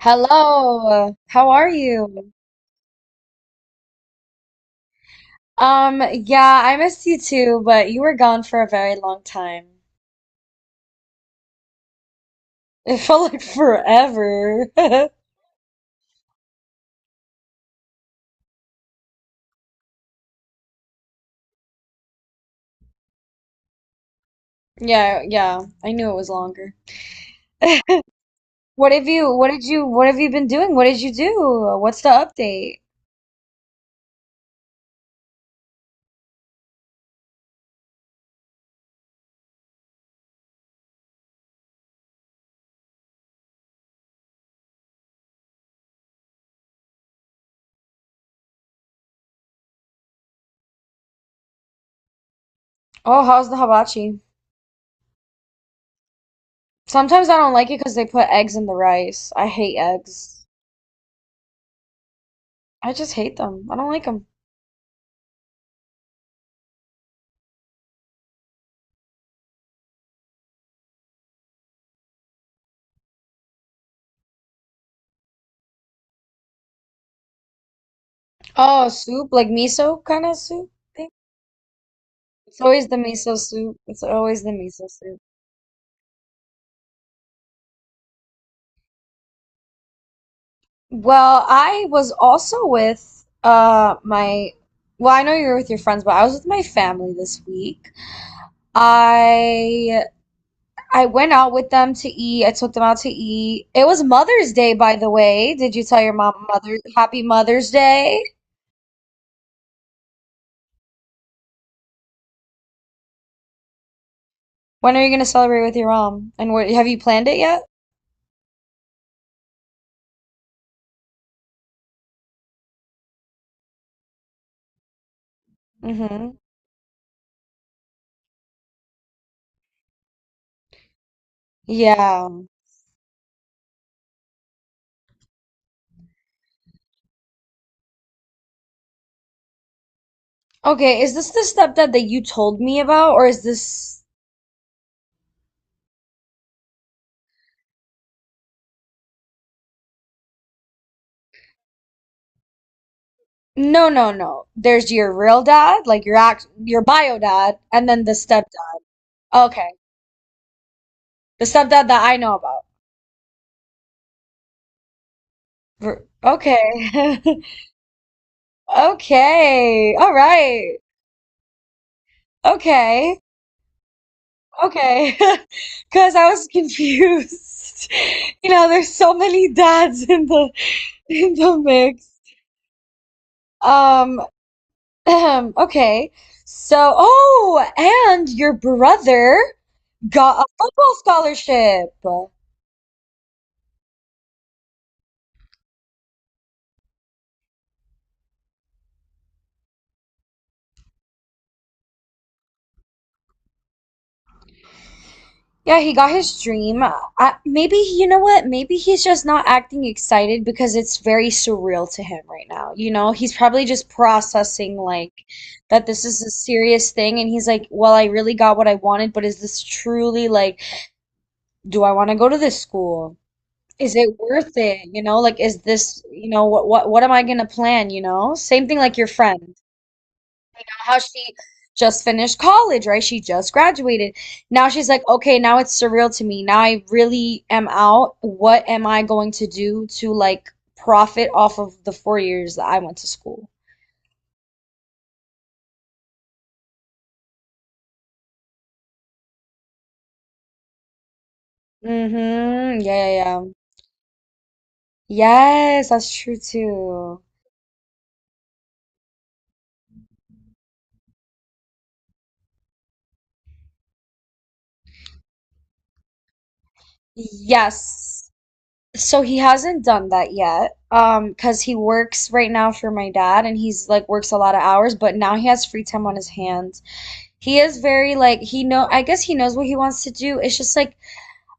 Hello, how are you? Yeah, I missed you too, but you were gone for a very long time. It felt like forever. Yeah, yeah, I knew it was longer. What have you been doing? What did you do? What's the update? Oh, how's the hibachi? Sometimes I don't like it because they put eggs in the rice. I hate eggs. I just hate them. I don't like them. Oh, soup, like miso kind of soup thing? It's always the miso soup. It's always the miso soup. Well, I was also with my I know you're with your friends, but I was with my family this week. I I went out with them to eat. I took them out to eat. It was Mother's Day, by the way. Did you tell your mom Mother Happy Mother's Day? When are you gonna celebrate with your mom? And what have you planned it yet? Mm-hmm. Yeah. Okay, is this the stepdad that you told me about, or is this? No, no, no. There's your real dad, like your act, your bio dad, and then the step. Okay. The stuff that I know about. Okay. Okay. All right. Okay. Okay. Because I was confused. You know, there's so many dads in the in the mix. Um, okay. So, oh, and your brother got a football scholarship. Yeah, he got his dream. I, maybe, you know what? Maybe he's just not acting excited because it's very surreal to him right now. You know, he's probably just processing like that this is a serious thing and he's like, "Well, I really got what I wanted, but is this truly like, do I want to go to this school? Is it worth it? You know, like is this, you know, what am I gonna plan, you know? Same thing like your friend how she just finished college, right? She just graduated. Now she's like, okay, now it's surreal to me. Now I really am out. What am I going to do to like profit off of the 4 years that I went to school? Mm-hmm. Yeah, yeah, yeah. Yes, that's true too. Yes. So he hasn't done that yet. Because he works right now for my dad and he's like works a lot of hours, but now he has free time on his hands. He is very like he know I guess he knows what he wants to do. It's just like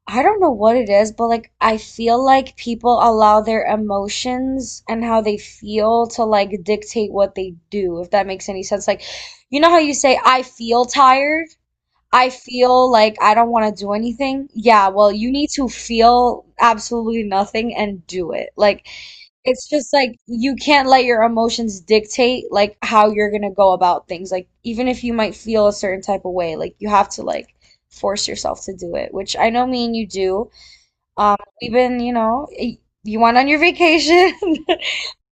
I don't know what it is, but like I feel like people allow their emotions and how they feel to like dictate what they do, if that makes any sense. Like you know how you say I feel tired? I feel like I don't want to do anything. Yeah, well, you need to feel absolutely nothing and do it. Like it's just like you can't let your emotions dictate like how you're gonna go about things. Like even if you might feel a certain type of way, like you have to like force yourself to do it, which I know me and you do. We've been, you know, you went on your vacation.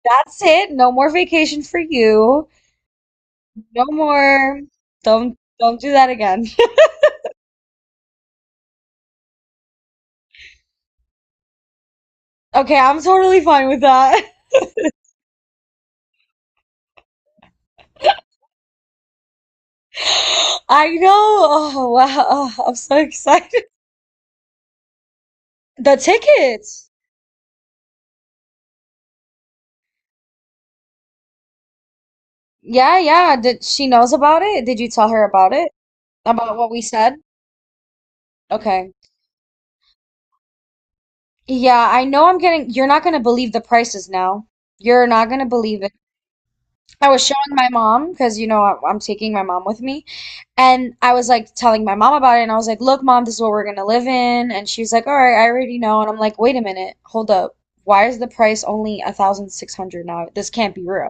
That's it. No more vacation for you. No more. Don't do that again. Okay, I'm totally fine with that. I know. Oh wow. Oh, I'm so excited. The tickets. Yeah, yeah. Did she knows about it? Did you tell her about it? About what we said? Okay. Yeah, I know you're not going to believe the prices now. You're not going to believe it. I was showing my mom because, you know, I'm taking my mom with me. And I was like telling my mom about it. And I was like, look, mom, this is what we're going to live in. And she's like, all right, I already know. And I'm like, wait a minute. Hold up. Why is the price only a 1,600 now? This can't be real.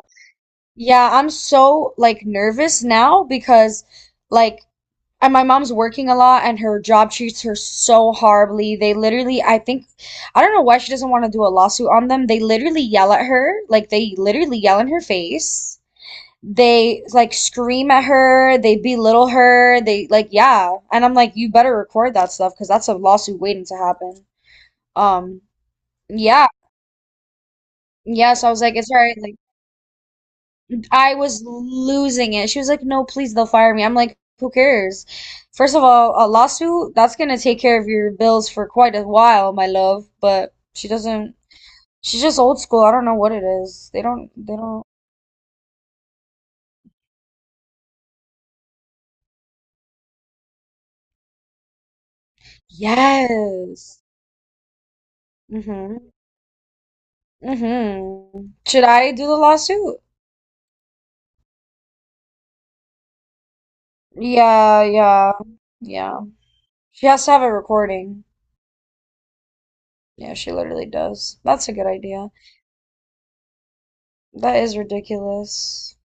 Yeah, I'm so like nervous now because like and my mom's working a lot and her job treats her so horribly. They literally, I think, I don't know why she doesn't want to do a lawsuit on them. They literally yell at her, like they literally yell in her face. They like scream at her, they belittle her, they like yeah. And I'm like, you better record that stuff because that's a lawsuit waiting to happen. Um, yeah. Yeah, so I was like, it's all right, like I was losing it. She was like, "No, please, they'll fire me." I'm like, "Who cares?" First of all, a lawsuit, that's gonna take care of your bills for quite a while, my love, but she doesn't she's just old school. I don't know what it is. They don't Yes. Mm-hmm. Mm-hmm. Should I do the lawsuit? Yeah, yeah, yeah. She has to have a recording. Yeah, she literally does. That's a good idea. That is ridiculous.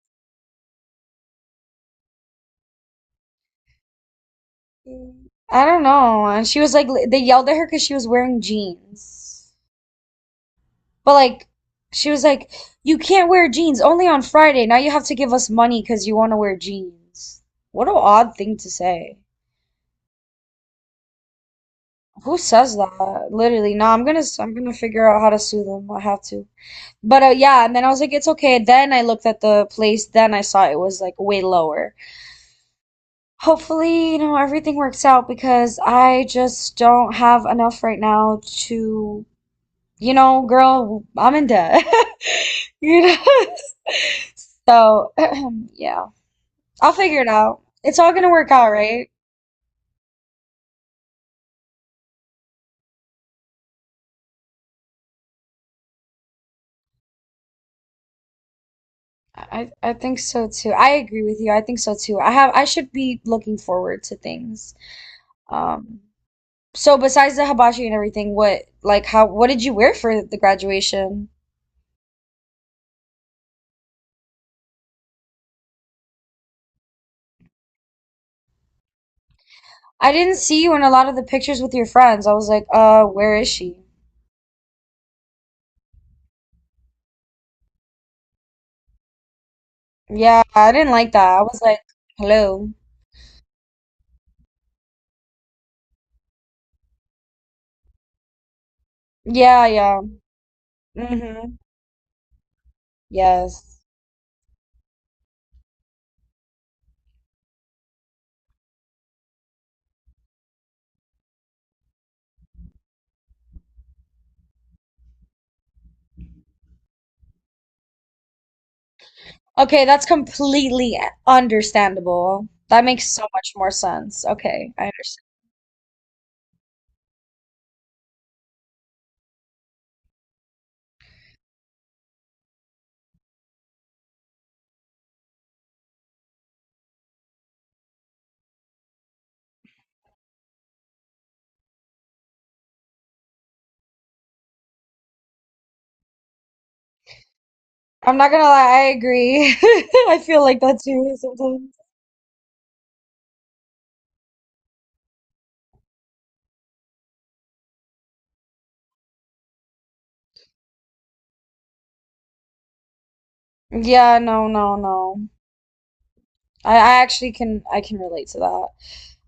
Mm. I don't know. And she was like, they yelled at her because she was wearing jeans. But like, she was like, you can't wear jeans only on Friday. Now you have to give us money because you want to wear jeans. What an odd thing to say. Who says that? Literally, no, I'm gonna figure out how to sue them. I have to. But yeah, and then I was like, it's okay. Then I looked at the place. Then I saw it was like way lower. Hopefully, you know, everything works out because I just don't have enough right now to you know, girl, I'm in debt. You know? So, yeah. I'll figure it out. It's all gonna work out, right? I think so too. I agree with you. I think so too. I have I should be looking forward to things. Um, so besides the hibachi and everything, what like how what did you wear for the graduation? I didn't see you in a lot of the pictures with your friends. I was like, where is she? Yeah, I didn't like that. I was like, hello. Yeah, yeah. Mm-hmm. Yes. Okay, that's completely understandable. That makes so much more sense. Okay, I understand. I'm not gonna lie, I agree. I feel like that too sometimes. Yeah, no, no, no. I actually can relate to that.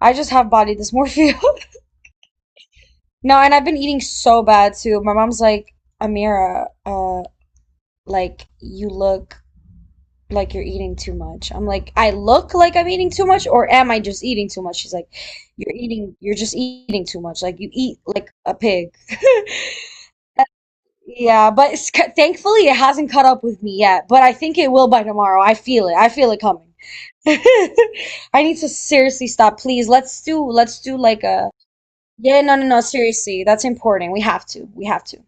I just have body dysmorphia. No, and I've been eating so bad too. My mom's like, Amira, like you look like you're eating too much. I'm like, I look like I'm eating too much, or am I just eating too much? She's like, you're just eating too much. Like you eat like a pig. Yeah, but it's, thankfully it hasn't caught up with me yet. But I think it will by tomorrow. I feel it. I feel it coming. I need to seriously stop. Please, let's do like a yeah, no, no, no, seriously. That's important. We have to. We have to.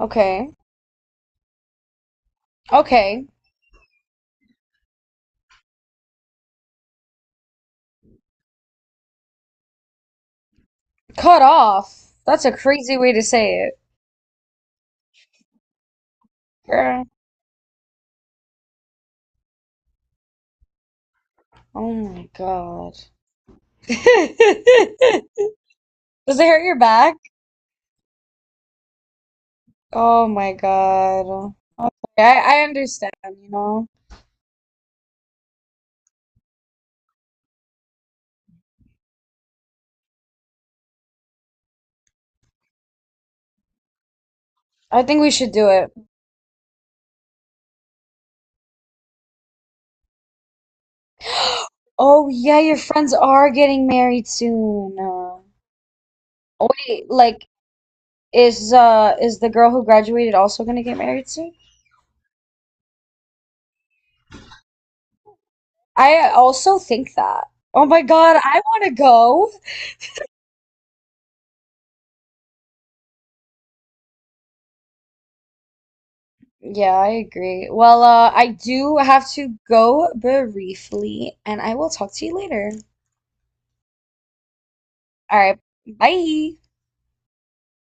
Okay. Okay. Cut off. That's a crazy way to say it. Girl. Oh my God. Does it hurt your back? Oh my God. Okay, I understand, you know. I think we should do it. Oh yeah, your friends are getting married soon. Oh wait, like is the girl who graduated also gonna get married soon? I also think that. Oh my God, I wanna go. Yeah, I agree. Well, I do have to go briefly, and I will talk to you later. All right, bye.